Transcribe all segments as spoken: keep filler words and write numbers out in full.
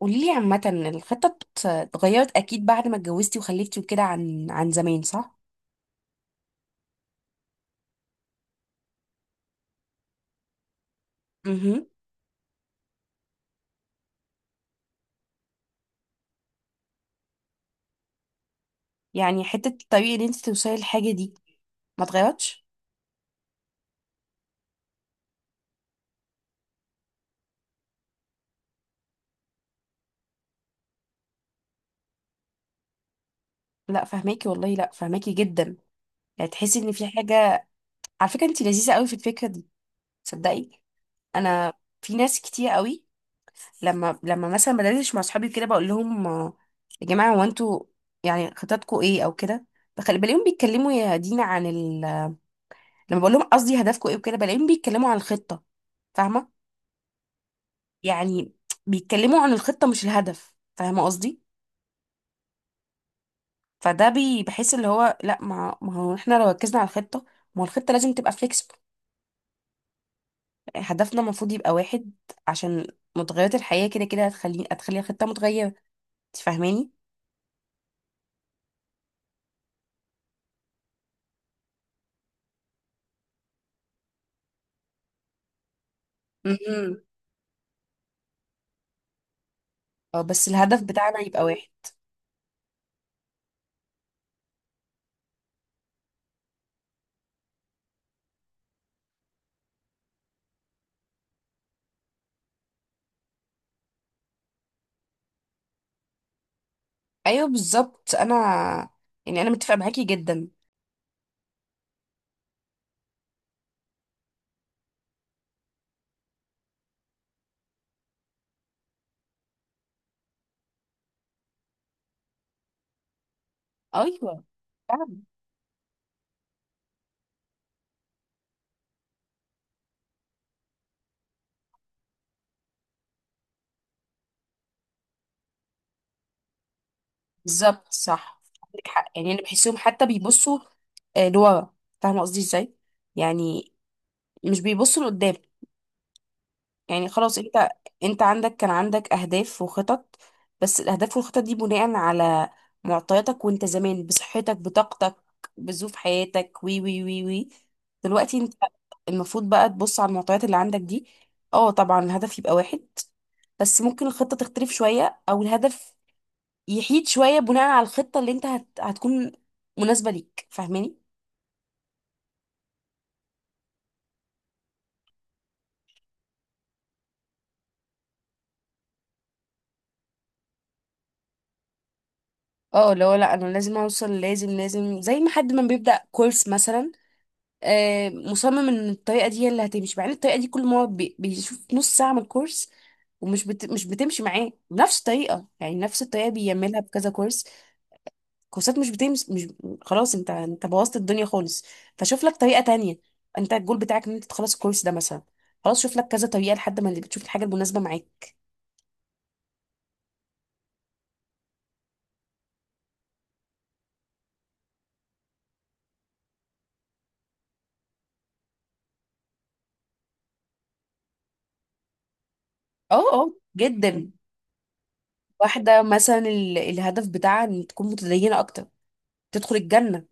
قولي لي عامة. الخطة بت- اتغيرت أكيد بعد ما اتجوزتي وخلفتي وكده عن عن زمان، صح؟ امم يعني حتة الطريقة اللي انت توصلي للحاجة دي ما اتغيرتش؟ لا فهماكي والله، لا فهماكي جدا. يعني تحسي ان في حاجة. على فكرة انت لذيذة قوي في الفكرة دي، تصدقي. انا في ناس كتير قوي لما لما مثلا بدردش مع اصحابي كده بقول لهم، آه، يا جماعة هو انتوا يعني خططكم ايه او كده، بخلي بلاقيهم بيتكلموا يا دينا عن ال... لما بقول لهم قصدي هدفكم ايه وكده بلاقيهم بيتكلموا عن الخطة، فاهمة يعني؟ بيتكلموا عن الخطة مش الهدف، فاهمة قصدي؟ فده بي- بحس اللي هو لا، ما ما هو احنا لو ركزنا على الخطة، ما هو الخطة لازم تبقى فليكسبل. هدفنا المفروض يبقى واحد، عشان متغيرات الحياة كده كده هتخليني هتخلي الخطة متغيرة، انت فاهماني؟ مهم. اه بس الهدف بتاعنا يبقى واحد. ايوه بالظبط انا، يعني انا متفقة معاكي جدا. ايوه فعلا. بالظبط، صح عندك حق. يعني انا بحسهم حتى بيبصوا آه، لورا. فاهمة قصدي ازاي يعني؟ مش بيبصوا لقدام. يعني خلاص انت، انت عندك كان عندك اهداف وخطط، بس الاهداف والخطط دي بناء على معطياتك وانت زمان، بصحتك بطاقتك بظروف حياتك وي وي وي وي. دلوقتي انت المفروض بقى تبص على المعطيات اللي عندك دي. اه طبعا الهدف يبقى واحد، بس ممكن الخطة تختلف شوية او الهدف يحيد شوية بناء على الخطة اللي انت هت... هتكون مناسبة ليك، فاهماني؟ اه اللي هو لا انا لازم اوصل، لازم لازم زي ما حد ما بيبدأ كورس مثلا آه، مصمم ان الطريقه دي هي اللي هتمشي، مع ان الطريقه دي كل ما هو بي- بيشوف نص ساعه من الكورس ومش بت... مش بتمشي معاه بنفس الطريقه، يعني نفس الطريقه بيعملها بكذا كورس، كورسات مش بتمشي. مش خلاص انت، انت بوظت الدنيا خالص، فشوف لك طريقه تانية. انت الجول بتاعك ان انت تخلص الكورس ده مثلا، خلاص شوف لك كذا طريقه لحد ما اللي بتشوف الحاجه المناسبه معاك. اه اه جدا. واحده مثلا ال... الهدف بتاعها ان تكون متدينه اكتر، تدخل الجنه.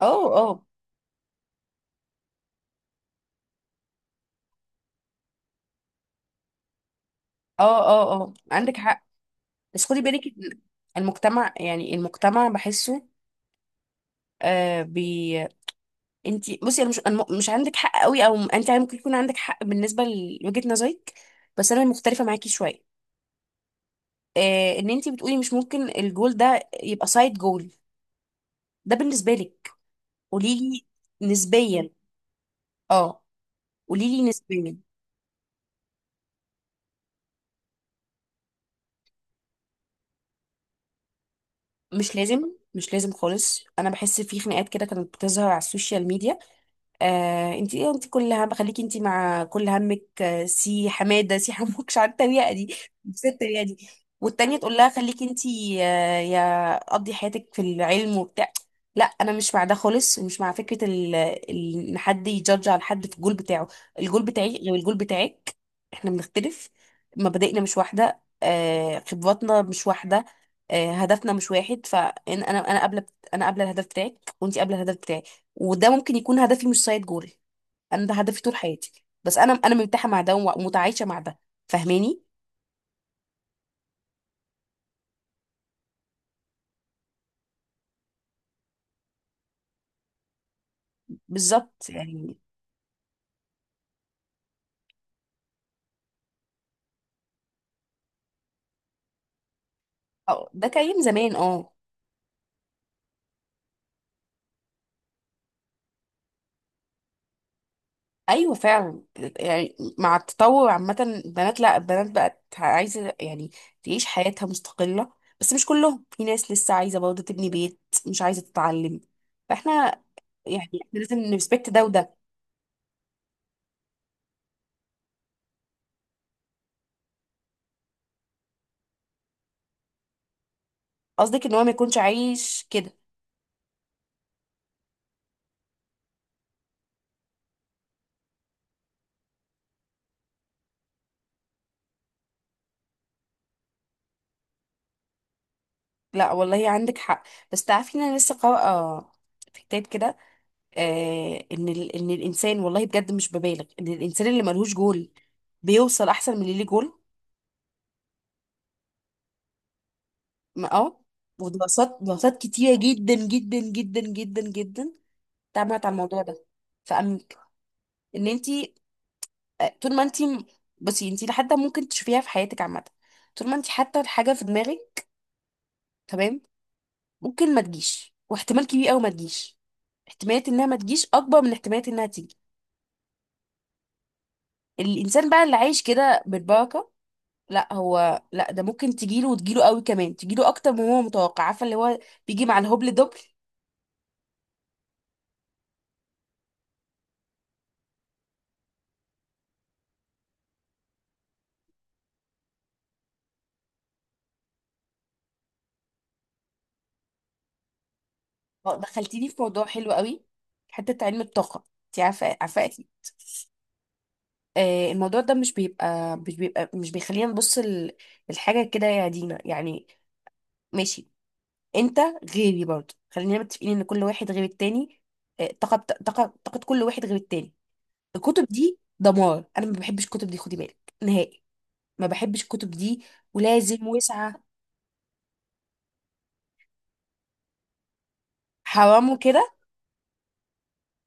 اه اه اه. اه اه عندك حق، بس خدي بالك إن المجتمع، يعني المجتمع بحسه آه بي، انت بصي انا مش أنا م- مش عندك حق قوي، او انت يعني ممكن يكون عندك حق بالنسبه لوجهه نظرك، بس انا مختلفه معاكي شويه. آه ان انت بتقولي مش ممكن الجول ده يبقى سايد جول، ده بالنسبه لك. قولي لي نسبيا. اه، قولي لي نسبيا. مش لازم، مش لازم خالص. انا بحس في خناقات كده كانت بتظهر على السوشيال ميديا، آه انت ايه، انت كل هم، خليكي انت مع كل همك، آه، سي حماده سي حموك، مش عارفه التريقه دي. بس التريقه دي والتانيه تقول لها خليكي انت، آه، يا قضي حياتك في العلم وبتاع. لا انا مش مع ده خالص، ومش مع فكره ال- ال- ان حد يجادج على حد في الجول بتاعه. الجول بتاعي غير الجول بتاعك، احنا بنختلف، مبادئنا مش واحده، آه، خبراتنا مش واحده، آه، هدفنا مش واحد. فانا انا انا قابله، انا قابله الهدف بتاعك، وانت قابله الهدف بتاعك، وده ممكن يكون هدفي مش سايد جول، انا ده هدفي طول حياتي، بس انا انا مرتاحه مع ده ومتعايشه مع ده، فاهماني؟ بالظبط يعني. اه ده كان زمان اه. ايوه فعلا، يعني مع التطور عامه البنات، لا البنات بقت عايزه يعني تعيش حياتها مستقله، بس مش كلهم، في ناس لسه عايزه برضه تبني بيت، مش عايزه تتعلم. فاحنا يعني احنا لازم نرسبكت ده وده. قصدك ان هو ما يكونش عايش كده. لا والله عندك حق. بس تعرفي ان انا لسه قارئه في كتاب كده آه ان ال... ان الانسان، والله بجد مش ببالغ، ان الانسان اللي ملهوش جول بيوصل احسن من اللي ليه جول. ما- اه. ودراسات، دراسات كتيره جدا جدا جدا جدا جدا اتعملت على الموضوع ده. فأمك ان انت، آه، طول ما انت بصي، انت لحد ممكن تشوفيها في حياتك عامه، طول ما انت حاطه الحاجه في دماغك، تمام، ممكن ما تجيش، واحتمال كبير قوي ما تجيش، احتماليه انها ما تجيش اكبر من احتماليه انها تيجي. الانسان بقى اللي عايش كده بالبركه، لا هو لا، ده ممكن تجيله وتجيله قوي، كمان تجيله اكتر من هو متوقع، عارفه اللي هو بيجي مع الهبل دبل. آه، دخلتيني في موضوع حلو قوي. حته علم الطاقه، انت عارفه، عارفه اكيد. آه الموضوع ده مش بيبقى مش بيبقى مش بيخلينا نبص ال- الحاجه كده يا دينا، يعني ماشي. انت غيري برضه، خلينا متفقين ان كل واحد غير التاني، آه، طاقه بت- طاقه طاقه كل واحد غير التاني. الكتب دي دمار، انا ما بحبش الكتب دي، خدي بالك نهائي ما بحبش الكتب دي، ولازم وسعه حرام وكده.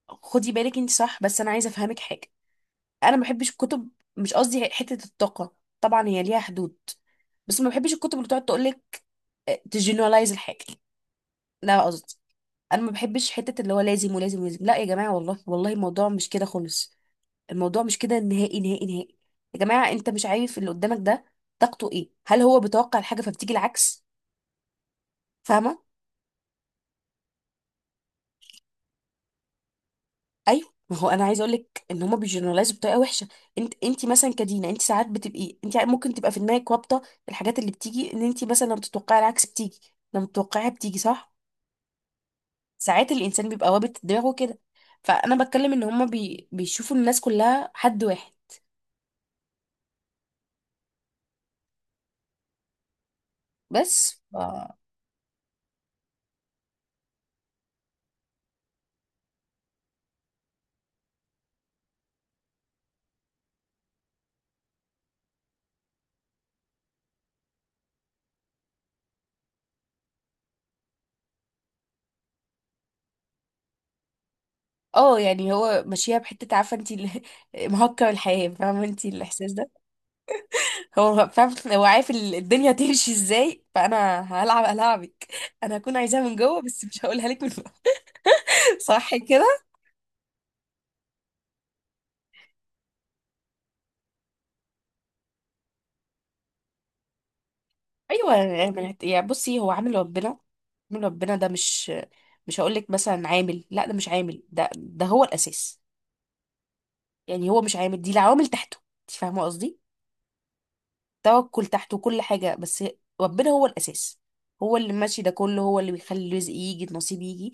خدي بالك، انت صح، بس انا عايزه افهمك حاجه. انا ما بحبش الكتب، مش قصدي حته الطاقه، طبعا هي ليها حدود، بس ما بحبش الكتب اللي تقعد تقول لك تجنرالايز الحاجه. لا قصدي انا ما بحبش حته اللي هو لازم ولازم ولازم. لا يا جماعه، والله والله الموضوع مش كده خالص، الموضوع مش كده، نهائي نهائي نهائي. يا جماعه انت مش عارف اللي قدامك ده طاقته ايه، هل هو بيتوقع الحاجه فبتيجي العكس، فاهمه؟ ايوه ما هو انا عايزه اقول لك ان هما بيجنرالايزوا بطريقه وحشه. انت، انت مثلا كدينا، انت ساعات بتبقي، انت ممكن تبقى في دماغك رابطه الحاجات اللي بتيجي، ان انت مثلا لما بتتوقعي العكس بتيجي، لما بتتوقعيها بتيجي، صح؟ ساعات الانسان بيبقى رابط دماغه كده. فانا بتكلم ان هما بي... بيشوفوا الناس كلها حد واحد. بس ف... اه يعني هو ماشيها بحته، عارفه انت ال- مهكر الحياه، فاهمه انت الاحساس ده؟ هو فاهم، هو عارف ال- الدنيا تمشي ازاي، فانا هلعب العبك، انا هكون عايزاها من جوه بس مش هقولها لك من. صح كده. ايوه يعني، يعني بصي هو عامل ربنا، عامل ربنا ده مش، مش هقول لك مثلا عامل، لا ده مش عامل، ده ده هو الاساس، يعني هو مش عامل دي العوامل تحته، انت فاهمه قصدي؟ توكل تحته كل حاجه، بس ربنا هو الاساس، هو اللي ماشي ده كله، هو اللي بيخلي الرزق يجي النصيب يجي،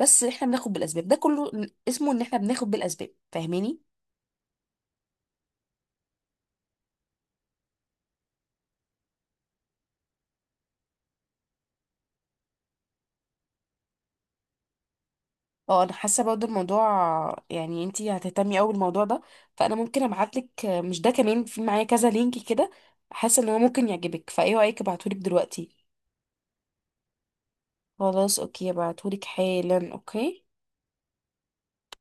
بس احنا بناخد بالاسباب ده كله، اسمه ان احنا بناخد بالاسباب، فاهماني؟ اه انا حاسه برضه الموضوع، يعني انتي هتهتمي قوي بالموضوع ده، فانا ممكن ابعتلك، مش ده كمان في معايا كذا لينك كده، حاسه ان هو ممكن يعجبك، فايه رايك ابعتهولك دلوقتي؟ خلاص اوكي، ابعتهولك حالا، اوكي.